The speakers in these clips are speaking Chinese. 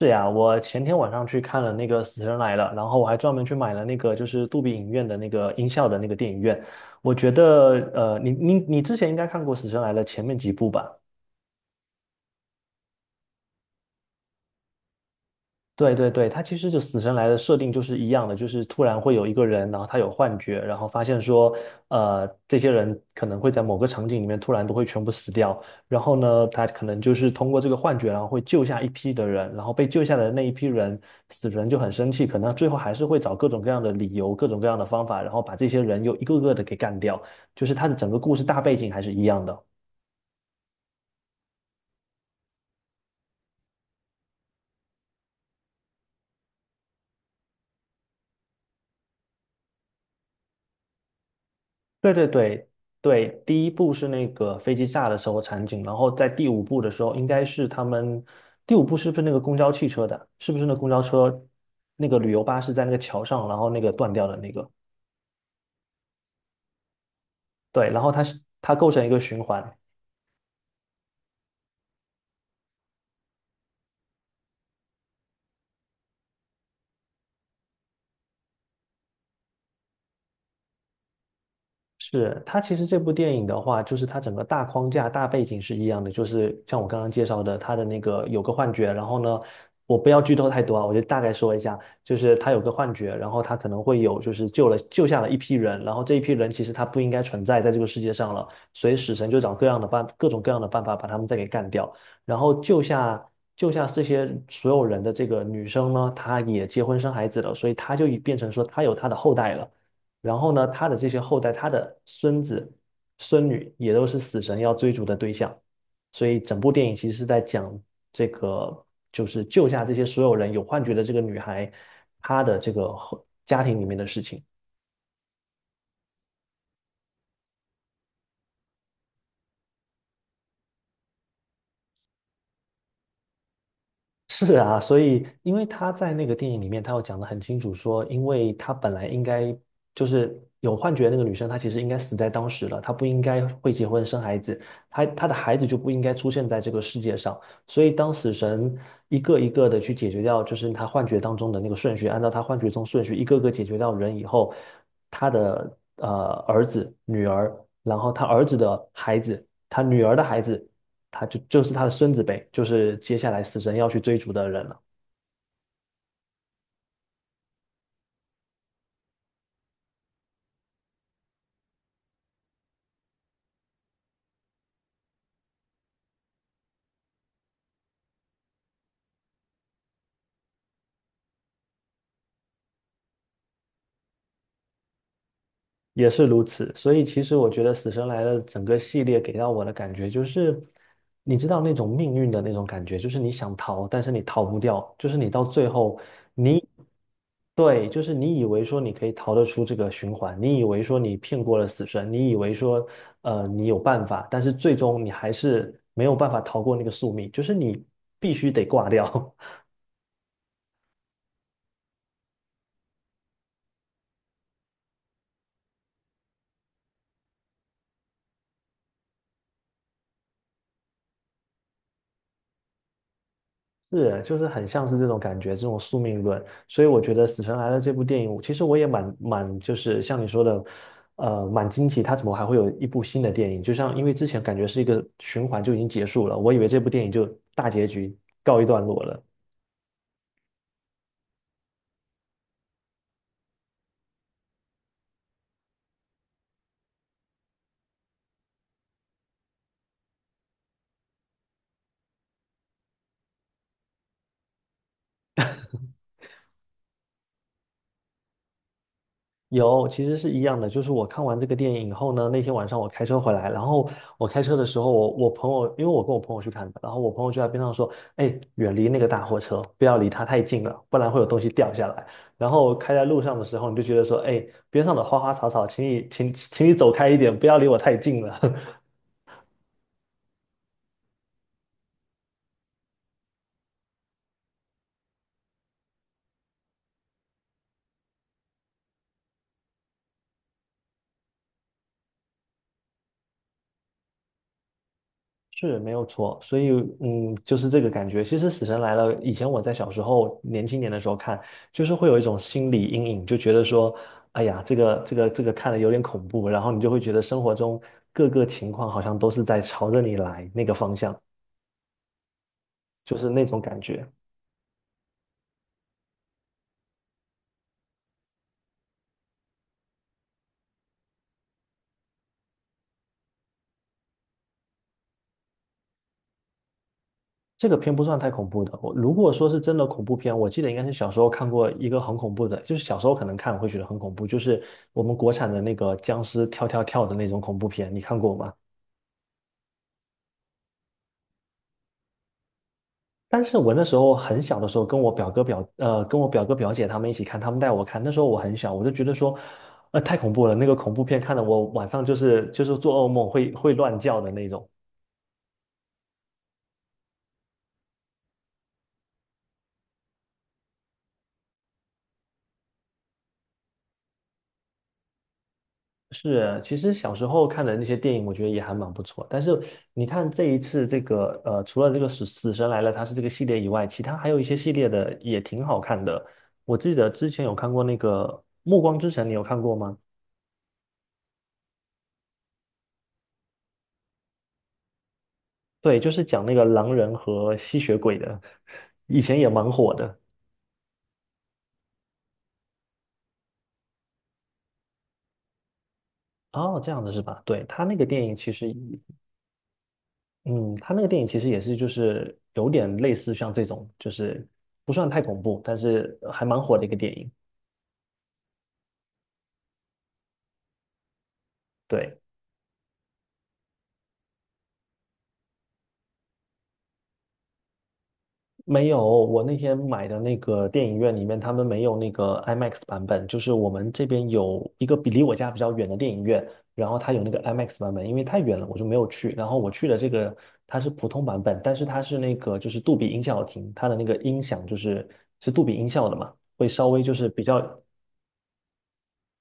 是呀，我前天晚上去看了那个《死神来了》，然后我还专门去买了那个就是杜比影院的那个音效的那个电影院。我觉得，你之前应该看过《死神来了》前面几部吧？对对对，他其实就死神来的设定就是一样的，就是突然会有一个人，然后他有幻觉，然后发现说，这些人可能会在某个场景里面突然都会全部死掉，然后呢，他可能就是通过这个幻觉，然后会救下一批的人，然后被救下的那一批人，死神就很生气，可能最后还是会找各种各样的理由、各种各样的方法，然后把这些人又一个个的给干掉，就是他的整个故事大背景还是一样的。对对对对，第一部是那个飞机炸的时候场景，然后在第五部的时候，应该是他们第五部是不是那个公交汽车的？是不是那公交车那个旅游巴士在那个桥上，然后那个断掉的那个？对，然后它是它构成一个循环。是，它其实这部电影的话，就是它整个大框架、大背景是一样的，就是像我刚刚介绍的，它的那个有个幻觉，然后呢，我不要剧透太多啊，我就大概说一下，就是他有个幻觉，然后他可能会有就是救下了一批人，然后这一批人其实他不应该存在在这个世界上了，所以死神就找各样的办各种各样的办法把他们再给干掉，然后救下。救下这些所有人的这个女生呢，她也结婚生孩子了，所以她就已变成说她有她的后代了。然后呢，他的这些后代，他的孙子、孙女也都是死神要追逐的对象，所以整部电影其实是在讲这个，就是救下这些所有人有幻觉的这个女孩，她的这个后家庭里面的事情。是啊，所以因为他在那个电影里面，他有讲的很清楚说，因为他本来应该就是有幻觉的那个女生，她其实应该死在当时了，她不应该会结婚生孩子，她的孩子就不应该出现在这个世界上。所以当死神一个一个的去解决掉，就是他幻觉当中的那个顺序，按照他幻觉中顺序一个个解决掉人以后，他的儿子、女儿，然后他儿子的孩子，他女儿的孩子。就是他的孙子辈，就是接下来死神要去追逐的人了。也是如此。所以其实我觉得《死神来了》整个系列给到我的感觉就是，你知道那种命运的那种感觉，就是你想逃，但是你逃不掉，就是你到最后，你对，就是你以为说你可以逃得出这个循环，你以为说你骗过了死神，你以为说你有办法，但是最终你还是没有办法逃过那个宿命，就是你必须得挂掉。是，就是很像是这种感觉，这种宿命论。所以我觉得《死神来了》这部电影，其实我也，就是像你说的，蛮惊奇，它怎么还会有一部新的电影？就像因为之前感觉是一个循环就已经结束了，我以为这部电影就大结局告一段落了。有，其实是一样的。就是我看完这个电影以后呢，那天晚上我开车回来，然后我开车的时候，我朋友，因为我跟我朋友去看的，然后我朋友就在边上说：“哎，远离那个大货车，不要离它太近了，不然会有东西掉下来。”然后开在路上的时候，你就觉得说：“哎，边上的花花草草，请你走开一点，不要离我太近了。”是没有错，所以嗯，就是这个感觉。其实《死神来了》以前我在小时候年轻年的时候看，就是会有一种心理阴影，就觉得说，哎呀，这个看了有点恐怖，然后你就会觉得生活中各个情况好像都是在朝着你来那个方向，就是那种感觉。这个片不算太恐怖的，我如果说是真的恐怖片，我记得应该是小时候看过一个很恐怖的，就是小时候可能看会觉得很恐怖，就是我们国产的那个僵尸跳跳跳的那种恐怖片，你看过吗？但是我那时候很小的时候，跟我表哥表姐他们一起看，他们带我看。那时候我很小，我就觉得说，太恐怖了，那个恐怖片看的我晚上就是做噩梦会乱叫的那种。是，其实小时候看的那些电影，我觉得也还蛮不错。但是你看这一次这个除了这个死神来了，它是这个系列以外，其他还有一些系列的也挺好看的。我记得之前有看过那个《暮光之城》，你有看过吗？对，就是讲那个狼人和吸血鬼的，以前也蛮火的。哦，这样子是吧？对，他那个电影其实，嗯，他那个电影其实也是就是有点类似像这种，就是不算太恐怖，但是还蛮火的一个电影。对。没有，我那天买的那个电影院里面，他们没有那个 IMAX 版本，就是我们这边有一个离我家比较远的电影院，然后它有那个 IMAX 版本，因为太远了，我就没有去。然后我去的这个它是普通版本，但是它是那个就是杜比音效厅，它的那个音响就是是杜比音效的嘛，会稍微就是比较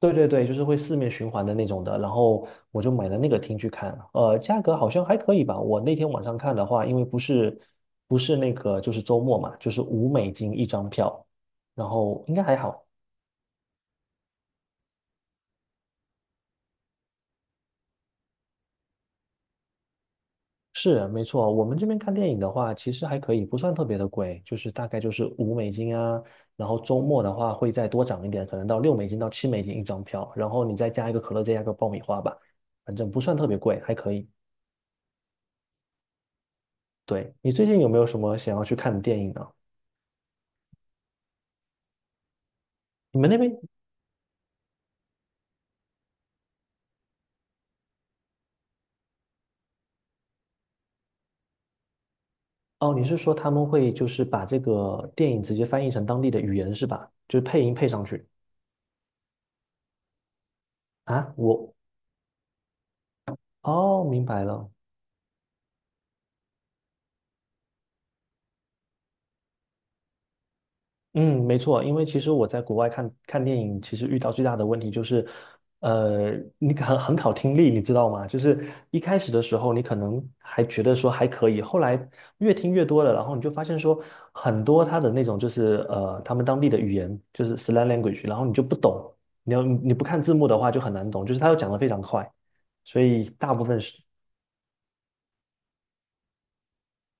对对对，就是会四面循环的那种的，然后我就买了那个厅去看。价格好像还可以吧。我那天晚上看的话，因为不是那个就是周末嘛，就是五美金一张票，然后应该还好。是，没错，我们这边看电影的话，其实还可以，不算特别的贵，就是大概就是五美金啊，然后周末的话会再多涨一点，可能到6美金到7美金一张票，然后你再加一个可乐，再加一个爆米花吧，反正不算特别贵，还可以。对，你最近有没有什么想要去看的电影呢？你们那边哦，你是说他们会就是把这个电影直接翻译成当地的语言是吧？就是配音配上去啊？我哦，明白了。嗯，没错，因为其实我在国外看看电影，其实遇到最大的问题就是，呃，你很考听力，你知道吗？就是一开始的时候，你可能还觉得说还可以，后来越听越多了，然后你就发现说很多他的那种就是他们当地的语言就是 slang language，然后你就不懂，你不看字幕的话就很难懂，就是他又讲的非常快，所以大部分是。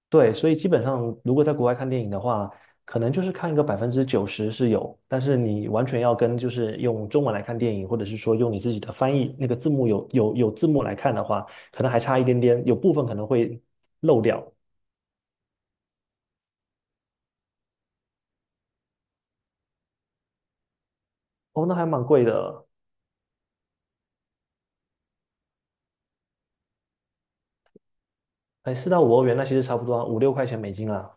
对，所以基本上，如果在国外看电影的话，可能就是看一个90%是有，但是你完全要跟就是用中文来看电影，或者是说用你自己的翻译那个字幕有字幕来看的话，可能还差一点点，有部分可能会漏掉。哦，那还蛮贵的，哎，4到5欧元，那其实差不多啊五六块钱美金啦。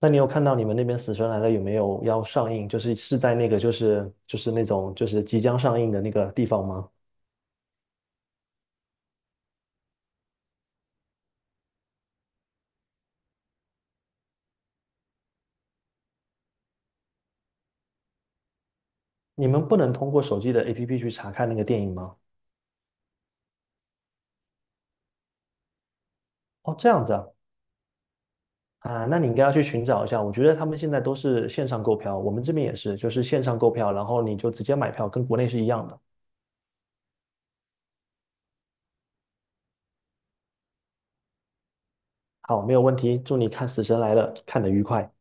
那你有看到你们那边《死神来了》有没有要上映？就是是在那个就是那种就是即将上映的那个地方吗？你们不能通过手机的 APP 去查看那个电影吗？哦，这样子啊，啊，那你应该要去寻找一下。我觉得他们现在都是线上购票，我们这边也是，就是线上购票，然后你就直接买票，跟国内是一样的。好，没有问题，祝你看《死神来了》看得愉快。